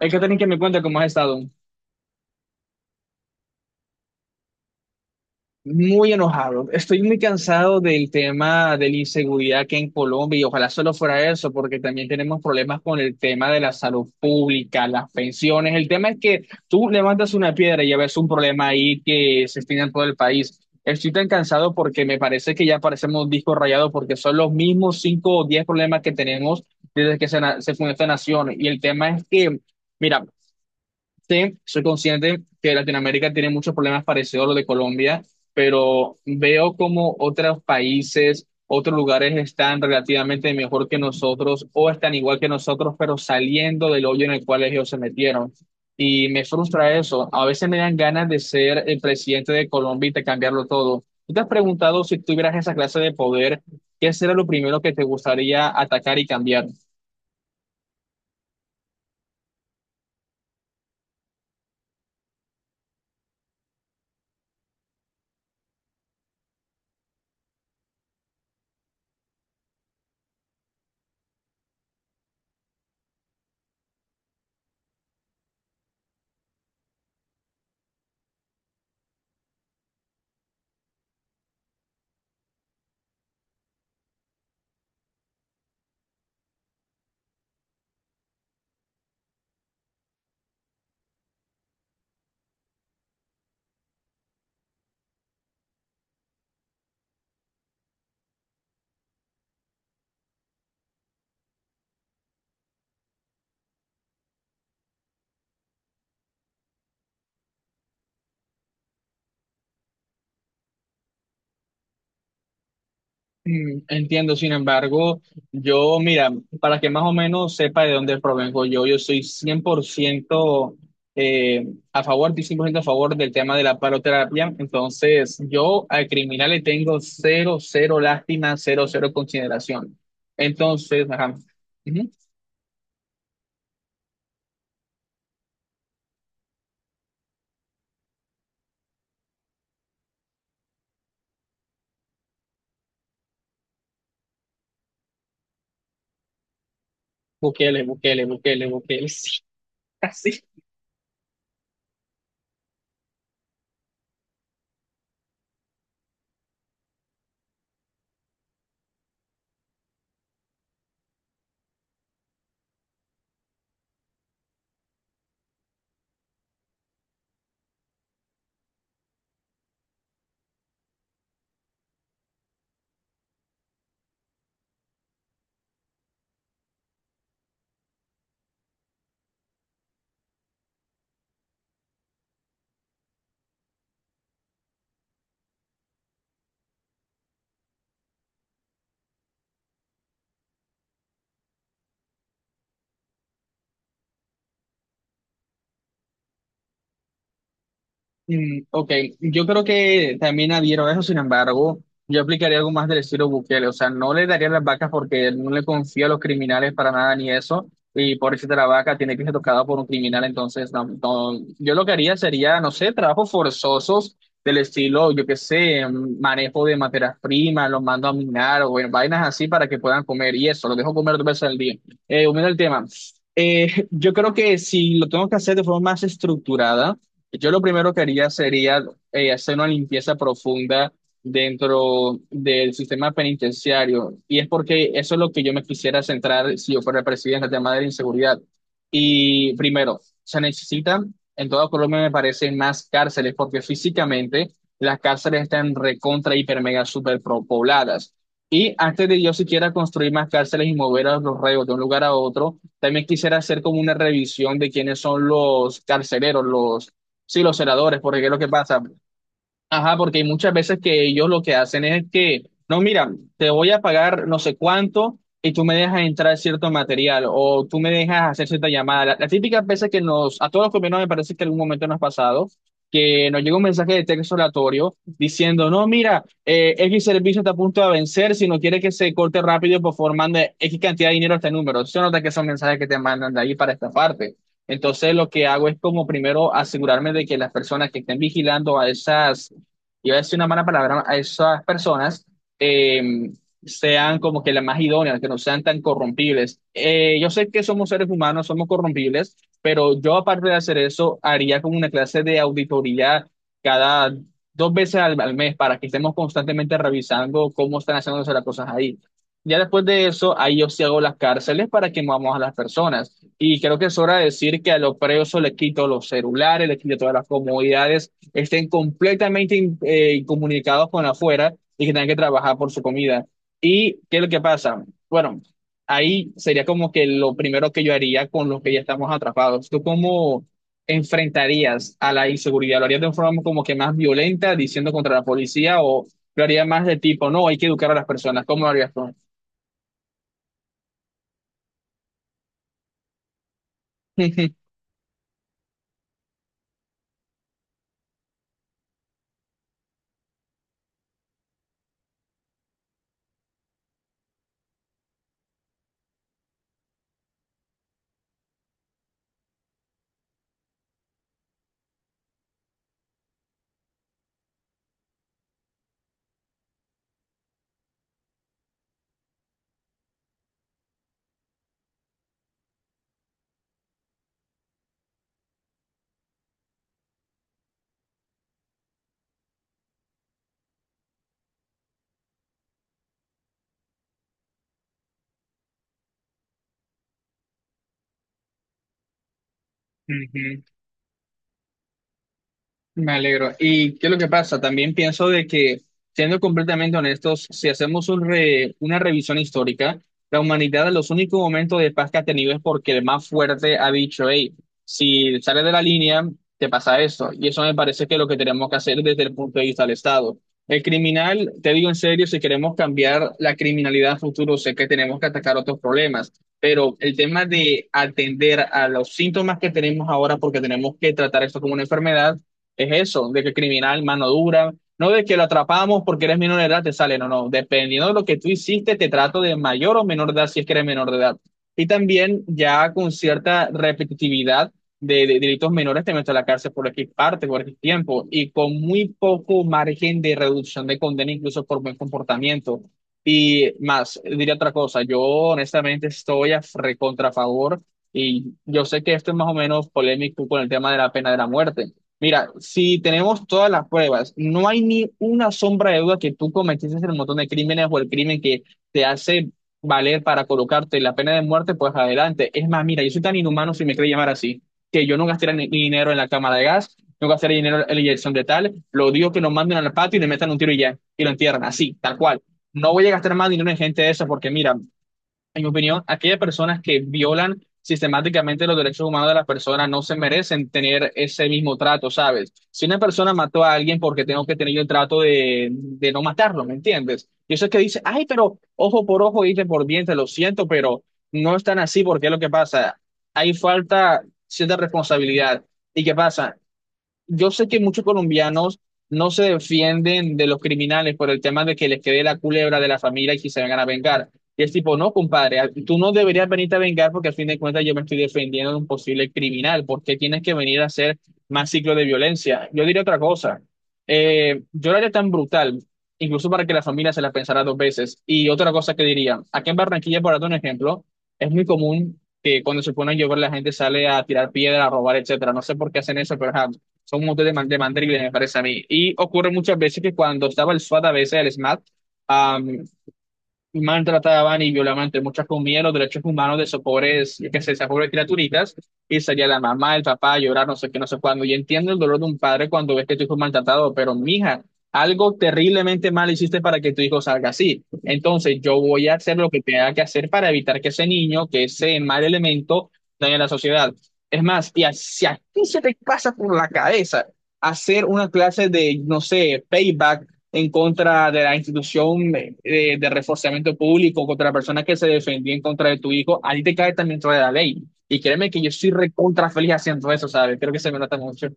Hay que tener que me cuenta cómo has estado. Muy enojado. Estoy muy cansado del tema de la inseguridad que hay en Colombia y ojalá solo fuera eso, porque también tenemos problemas con el tema de la salud pública, las pensiones. El tema es que tú levantas una piedra y ya ves un problema ahí que se extiende en todo el país. Estoy tan cansado porque me parece que ya parecemos un disco rayado porque son los mismos cinco o diez problemas que tenemos desde que se fundó esta nación. Y el tema es que... Mira, sí, soy consciente que Latinoamérica tiene muchos problemas parecidos a los de Colombia, pero veo como otros países, otros lugares están relativamente mejor que nosotros o están igual que nosotros, pero saliendo del hoyo en el cual ellos se metieron. Y me frustra eso. A veces me dan ganas de ser el presidente de Colombia y de cambiarlo todo. ¿Tú te has preguntado si tuvieras esa clase de poder, qué será lo primero que te gustaría atacar y cambiar? Entiendo, sin embargo, yo, mira, para que más o menos sepa de dónde provengo yo, yo soy 100% eh, a favor, estoy 100% a favor del tema de la paroterapia, entonces yo al criminal le tengo cero, cero lástima, cero, cero consideración. Entonces, ajá, ujú, Bukele, Bukele, Bukele, Bukele, sí, así. Mm, ok, yo creo que también adhiero a eso, sin embargo, yo aplicaría algo más del estilo Bukele, o sea, no le daría las vacas porque no le confío a los criminales para nada ni eso, y por eso la vaca tiene que ser tocada por un criminal, entonces, no, no, yo lo que haría sería, no sé, trabajos forzosos del estilo, yo qué sé, manejo de materias primas, los mando a minar o en vainas así para que puedan comer, y eso, los dejo comer dos veces al día. Volviendo al tema, yo creo que si lo tengo que hacer de forma más estructurada, yo lo primero que haría sería hacer una limpieza profunda dentro del sistema penitenciario. Y es porque eso es lo que yo me quisiera centrar si yo fuera presidente, el tema de la inseguridad. Y primero, se necesitan, en toda Colombia me parece, más cárceles, porque físicamente las cárceles están recontra, hiper, mega, super pobladas. Y antes de yo siquiera construir más cárceles y mover a los reos de un lugar a otro, también quisiera hacer como una revisión de quiénes son los carceleros, los... Sí, los senadores, porque ¿qué es lo que pasa? Ajá, porque hay muchas veces que ellos lo que hacen es que, no, mira, te voy a pagar no sé cuánto y tú me dejas entrar cierto material o tú me dejas hacer cierta llamada. Las típicas veces que nos, a todos los colombianos me parece que algún momento nos ha pasado, que nos llega un mensaje de texto aleatorio diciendo, no, mira, X servicio está a punto de vencer, si no quiere que se corte rápido, por favor, mande X cantidad de dinero a este número. Eso nota que son mensajes que te mandan de ahí para esta parte. Entonces, lo que hago es como primero asegurarme de que las personas que estén vigilando a esas... iba a decir una mala palabra, a esas personas eh, sean como que las más idóneas, que no sean tan corrompibles. Yo sé que somos seres humanos, somos corrompibles, pero yo aparte de hacer eso, haría como una clase de auditoría cada dos veces al mes para que estemos constantemente revisando cómo están haciéndose las cosas ahí. Ya después de eso, ahí yo sí hago las cárceles para que movamos a las personas. Y creo que es hora de decir que a los presos les quito los celulares, les quito todas las comodidades, estén completamente incomunicados con afuera y que tengan que trabajar por su comida. ¿Y qué es lo que pasa? Bueno, ahí sería como que lo primero que yo haría con los que ya estamos atrapados. ¿Tú cómo enfrentarías a la inseguridad? ¿Lo harías de una forma como que más violenta, diciendo contra la policía, o lo harías más de tipo, no, hay que educar a las personas? ¿Cómo lo harías tú? Me alegro. ¿Y qué es lo que pasa? También pienso de que, siendo completamente honestos, si hacemos un una revisión histórica, la humanidad en los únicos momentos de paz que ha tenido es porque el más fuerte ha dicho, hey, si sales de la línea, te pasa esto. Y eso me parece que es lo que tenemos que hacer desde el punto de vista del Estado. El criminal, te digo en serio, si queremos cambiar la criminalidad a futuro, sé que tenemos que atacar otros problemas. Pero el tema de atender a los síntomas que tenemos ahora, porque tenemos que tratar esto como una enfermedad, es eso, de que criminal, mano dura, no de que lo atrapamos porque eres menor de edad, te sale, no, no, dependiendo de lo que tú hiciste, te trato de mayor o menor de edad si es que eres menor de edad. Y también ya con cierta repetitividad de delitos menores te meto a la cárcel por X parte, por X tiempo, y con muy poco margen de reducción de condena, incluso por buen comportamiento. Y más, diría otra cosa, yo honestamente estoy a recontra favor, y yo sé que esto es más o menos polémico con el tema de la pena de la muerte. Mira, si tenemos todas las pruebas, no hay ni una sombra de duda que tú cometiste el montón de crímenes o el crimen que te hace valer para colocarte la pena de muerte, pues adelante. Es más, mira, yo soy tan inhumano, si me quiere llamar así, que yo no gastaría ni dinero en la cámara de gas, no gastaría dinero en la inyección de tal, lo digo que nos manden al patio y le metan un tiro y ya, y lo entierran, así, tal cual. No voy a gastar más dinero en gente de esa, porque mira, en mi opinión, aquellas personas que violan sistemáticamente los derechos humanos de las personas no se merecen tener ese mismo trato, ¿sabes? Si una persona mató a alguien porque tengo que tener el trato de no matarlo, ¿me entiendes? Y eso es que dice, ay, pero ojo por ojo, diente por diente, lo siento, pero no es tan así porque es lo que pasa. Hay falta cierta responsabilidad. ¿Y qué pasa? Yo sé que muchos colombianos no se defienden de los criminales por el tema de que les quede la culebra de la familia y que se vengan a vengar. Y es tipo, no, compadre, tú no deberías venirte a vengar porque al fin de cuentas yo me estoy defendiendo de un posible criminal. ¿Por qué tienes que venir a hacer más ciclo de violencia? Yo diría otra cosa. Yo lo haría tan brutal, incluso para que la familia se la pensara dos veces. Y otra cosa que diría, aquí en Barranquilla, por darte un ejemplo, es muy común que cuando se pone a llover la gente sale a tirar piedra, a robar, etcétera. No sé por qué hacen eso, pero ajá son un montón de, de mandriles, me parece a mí. Y ocurre muchas veces que cuando estaba el SWAT, a veces el SMAT, maltrataban y violaban, entre muchas comillas, los derechos humanos de esos pobres, yo qué sé, esas pobres criaturitas, y salía la mamá, el papá, a llorar, no sé qué, no sé cuándo. Y entiendo el dolor de un padre cuando ves que tu hijo es maltratado, pero mija, algo terriblemente mal hiciste para que tu hijo salga así. Entonces, yo voy a hacer lo que tenga que hacer para evitar que ese niño, que ese mal elemento, dañe la sociedad. Es más, y si a ti se te pasa por la cabeza hacer una clase de, no sé, payback en contra de la institución de reforzamiento público, contra la persona que se defendía en contra de tu hijo, a ti te cae también dentro de la ley. Y créeme que yo soy recontra feliz haciendo eso, ¿sabes? Creo que se me nota mucho.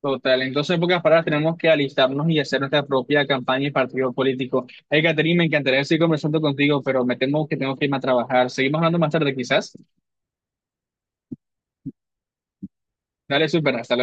Total. Entonces, en pocas palabras, tenemos que alistarnos y hacer nuestra propia campaña y partido político. Hey, Catherine, me encantaría seguir conversando contigo, pero me temo que tengo que irme a trabajar. Seguimos hablando más tarde, quizás. Dale, súper. Hasta luego.